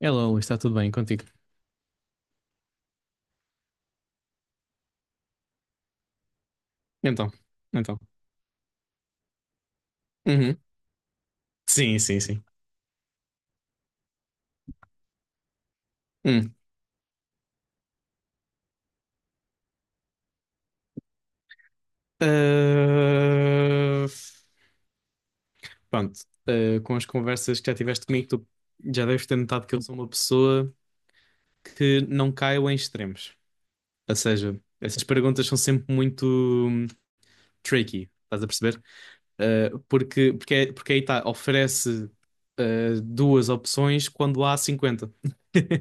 Hello, Luís, está tudo bem contigo? Então, então. Uhum. Sim, sim, sim. Hum. Ah, pronto. Ah, com as conversas que já tiveste comigo, tu já deves ter notado que eu sou uma pessoa que não caio em extremos. Ou seja, essas perguntas são sempre muito hum, tricky, estás a perceber? Ah, porque aí está, oferece ah, duas opções quando há 50.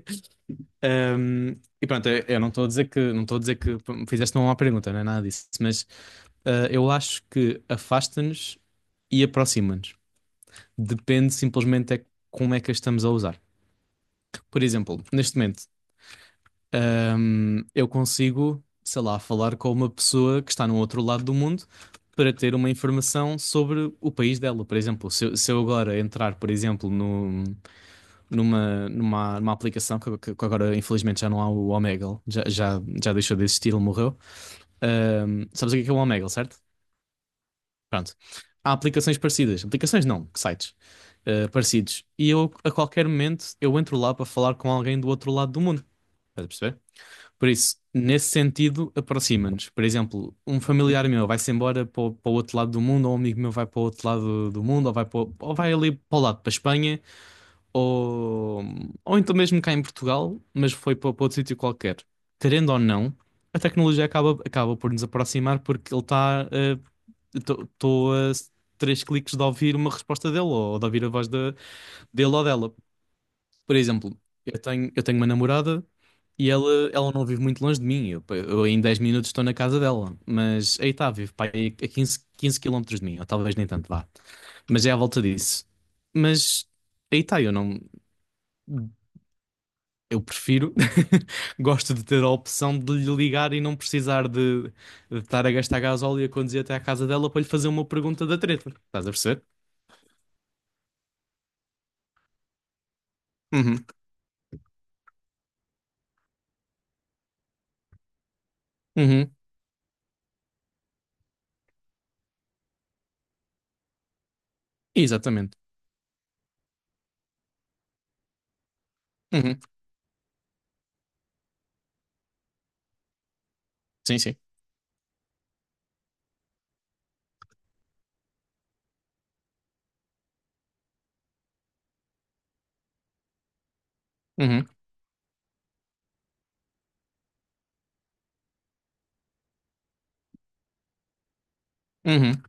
Um, e pronto, eu não estou a dizer que não estou a dizer que p- me fizeste uma má pergunta, não é nada disso, mas eu acho que afasta-nos e aproxima-nos. Depende simplesmente é como é que a estamos a usar. Por exemplo, neste momento, eu consigo, sei lá, falar com uma pessoa que está no outro lado do mundo para ter uma informação sobre o país dela. Por exemplo, se eu agora entrar, por exemplo, no, numa, numa, numa aplicação que agora infelizmente já não há o Omegle, já deixou de existir, ele morreu. Sabes o que é o Omegle, certo? Pronto. Há aplicações parecidas, aplicações não, sites parecidos. E eu, a qualquer momento, eu entro lá para falar com alguém do outro lado do mundo. Estás a perceber? Por isso, nesse sentido, aproxima-nos. Por exemplo, um familiar meu vai-se embora para o outro lado do mundo, ou um amigo meu vai para o outro lado do mundo, ou vai, para o- ou vai ali para o lado, para a Espanha ou, ou então mesmo cá em Portugal, mas foi para outro sítio qualquer. Querendo ou não, a tecnologia acaba por nos aproximar porque ele está. Estou a s- Três cliques de ouvir uma resposta dele ou de ouvir a voz dele ou dela. Por exemplo, eu tenho uma namorada e ela não vive muito longe de mim. Eu em 10 minutos estou na casa dela, mas aí está, vive pá, aí a 15 15 quilómetros de mim, ou talvez nem tanto vá. Mas é à volta disso. Mas aí está, eu não. Eu prefiro, gosto de ter a opção de lhe ligar e não precisar de estar a gastar gasóleo e a conduzir até à casa dela para lhe fazer uma pergunta da treta. Estás a perceber? Uhum. Uhum. Exatamente. Uhum. Sim, sim. Uhum. Uhum.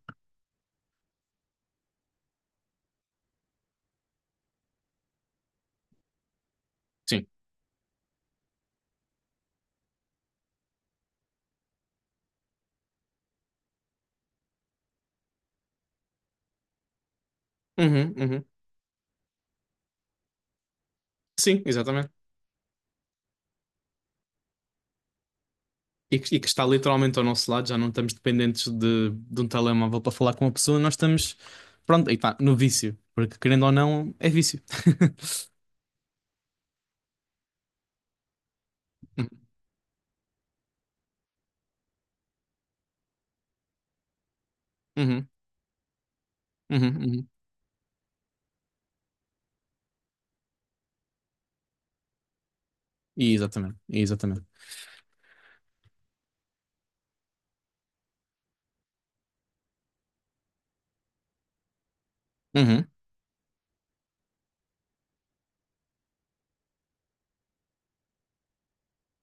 Sim. Uhum. Uhum. Sim, exatamente. E que está literalmente ao nosso lado, já não estamos dependentes de um telemóvel para falar com uma pessoa, nós estamos, pronto, aí está, no vício. Porque querendo ou não, é vício. Uhum. Uhum. Uhum. Uhum. Exatamente. Exatamente. Uhum.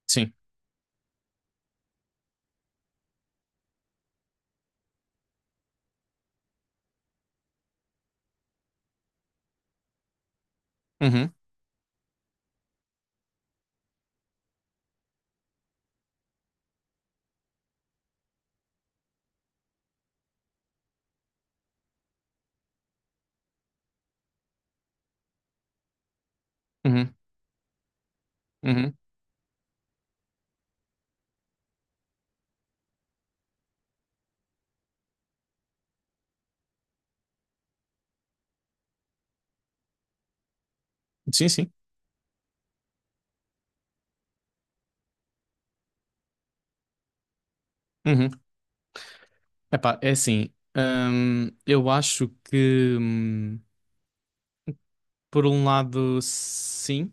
Sim. Uhum, uhum, uhum. Sim, sim. Uhum. Epá, é assim. Eu acho que, por um lado, sim,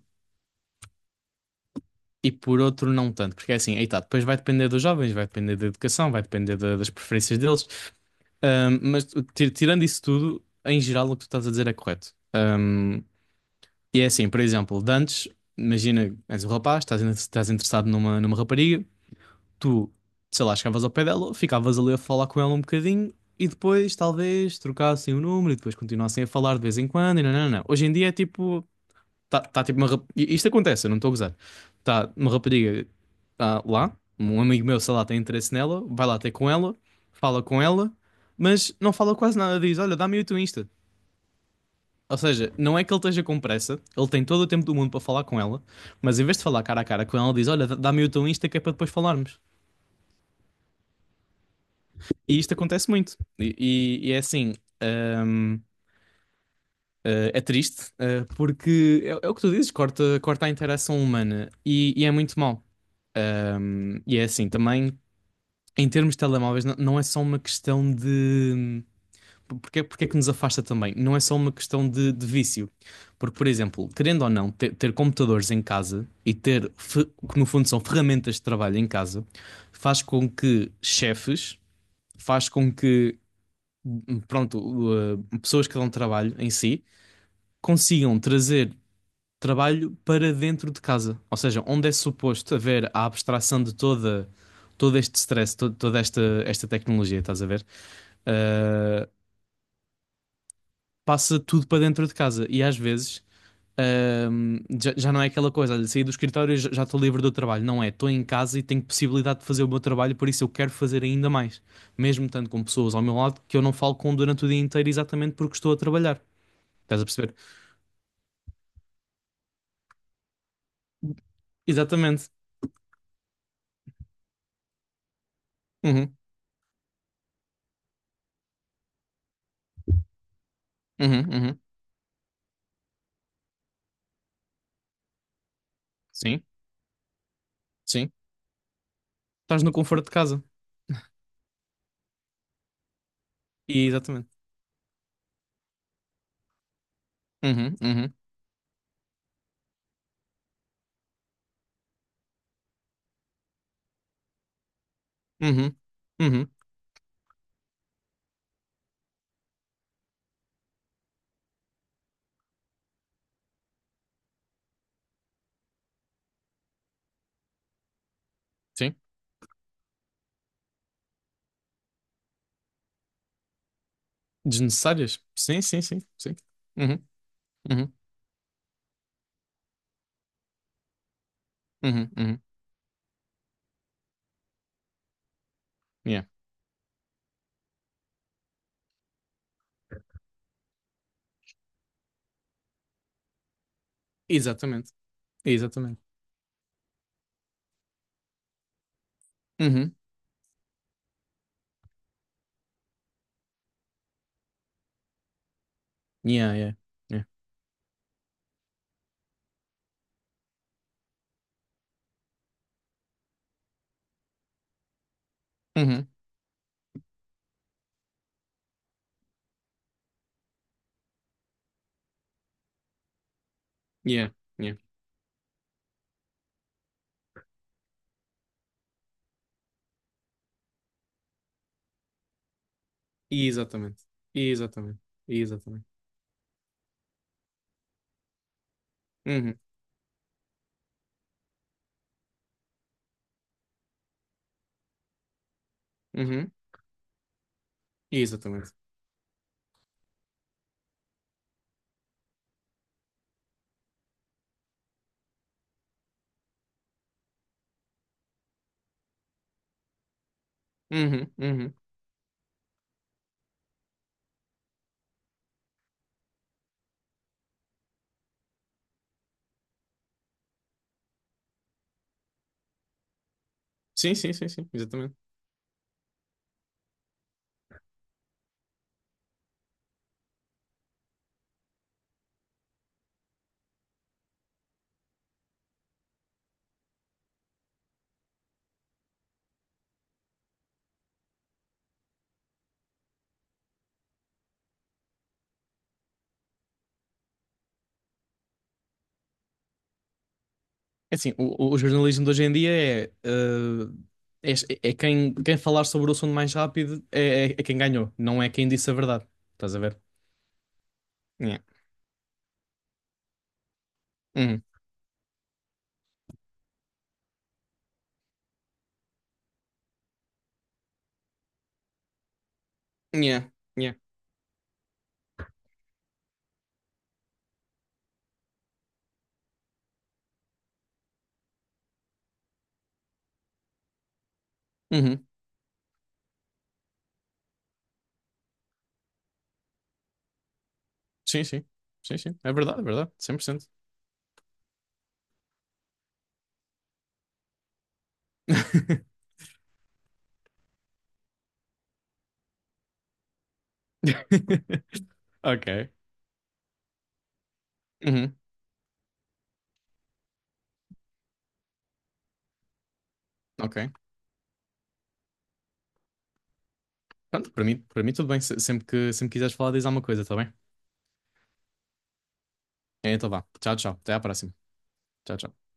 e por outro, não tanto. Porque é assim, aí tá, depois vai depender dos jovens, vai depender da educação, vai depender da- das preferências deles. Mas tirando isso tudo, em geral, o que tu estás a dizer é correto. E é assim, por exemplo, de antes, imagina, és um rapaz, estás interessado numa rapariga. Tu, sei lá, chegavas ao pé dela, ficavas ali a falar com ela um bocadinho e depois talvez trocassem o número e depois continuassem a falar de vez em quando. E não, não, não. Hoje em dia é tipo, tá tipo uma. E isto acontece, eu não estou a gozar. Tá uma rapariga lá, um amigo meu, sei lá, tem interesse nela, vai lá ter com ela, fala com ela, mas não fala quase nada. Diz: "Olha, dá-me o teu Insta." Ou seja, não é que ele esteja com pressa, ele tem todo o tempo do mundo para falar com ela, mas em vez de falar cara a cara com ela, diz: "Olha, dá-me o teu Insta que é para depois falarmos." E isto acontece muito. E é assim, hum, é triste, porque é, é o que tu dizes, corta, corta a interação humana e é muito mau. E é assim, também, em termos de telemóveis, não, não é só uma questão de. Porque, porque é que nos afasta também? Não é só uma questão de vício. Porque, por exemplo, querendo ou não, ter computadores em casa e ter, que no fundo são ferramentas de trabalho em casa, faz com que chefes, faz com que pronto, pessoas que dão trabalho em si, consigam trazer trabalho para dentro de casa. Ou seja, onde é suposto haver a abstração de todo este stress, toda esta tecnologia, estás a ver? Uh, passa tudo para dentro de casa. E às vezes. Já não é aquela coisa, olha, saí do escritório e já já estou livre do trabalho. Não é, estou em casa e tenho possibilidade de fazer o meu trabalho, por isso eu quero fazer ainda mais. Mesmo tanto com pessoas ao meu lado que eu não falo com durante o dia inteiro exatamente porque estou a trabalhar. Estás a perceber? Exatamente. Uhum, uhum, uhum. Sim, sim. Estás no conforto de casa. E, exatamente. Uhum, uhum, uhum, uhum. Sim. Desnecessárias? Sim, sim, sim, sim. Uhum, uhum, uhum, uhum. Yeah. Exatamente. Exatamente. Uhum. Yeah, yeah. Yeah. Uhum. Yeah, yeah. Exatamente. Exatamente. Exatamente. Uhum, uhum. Exatamente. Uhum, uhum. Sim, sim, sim, sim. Exatamente. É assim, o jornalismo de hoje em dia é, eh, é quem falar sobre o assunto mais rápido é quem ganhou, não é quem disse a verdade. Estás a ver? Yeah. Uhum. Yeah. Yeah. Uhum. Sim, sim. Sim, sim. É verdade, é verdade. 100%. Ok. Uhum. Ok. Pronto, para mim tudo bem. Sempre quiseres falar, diz alguma coisa, tá bem? Então vá. Tchau, tchau. Até à próxima. Tchau, tchau.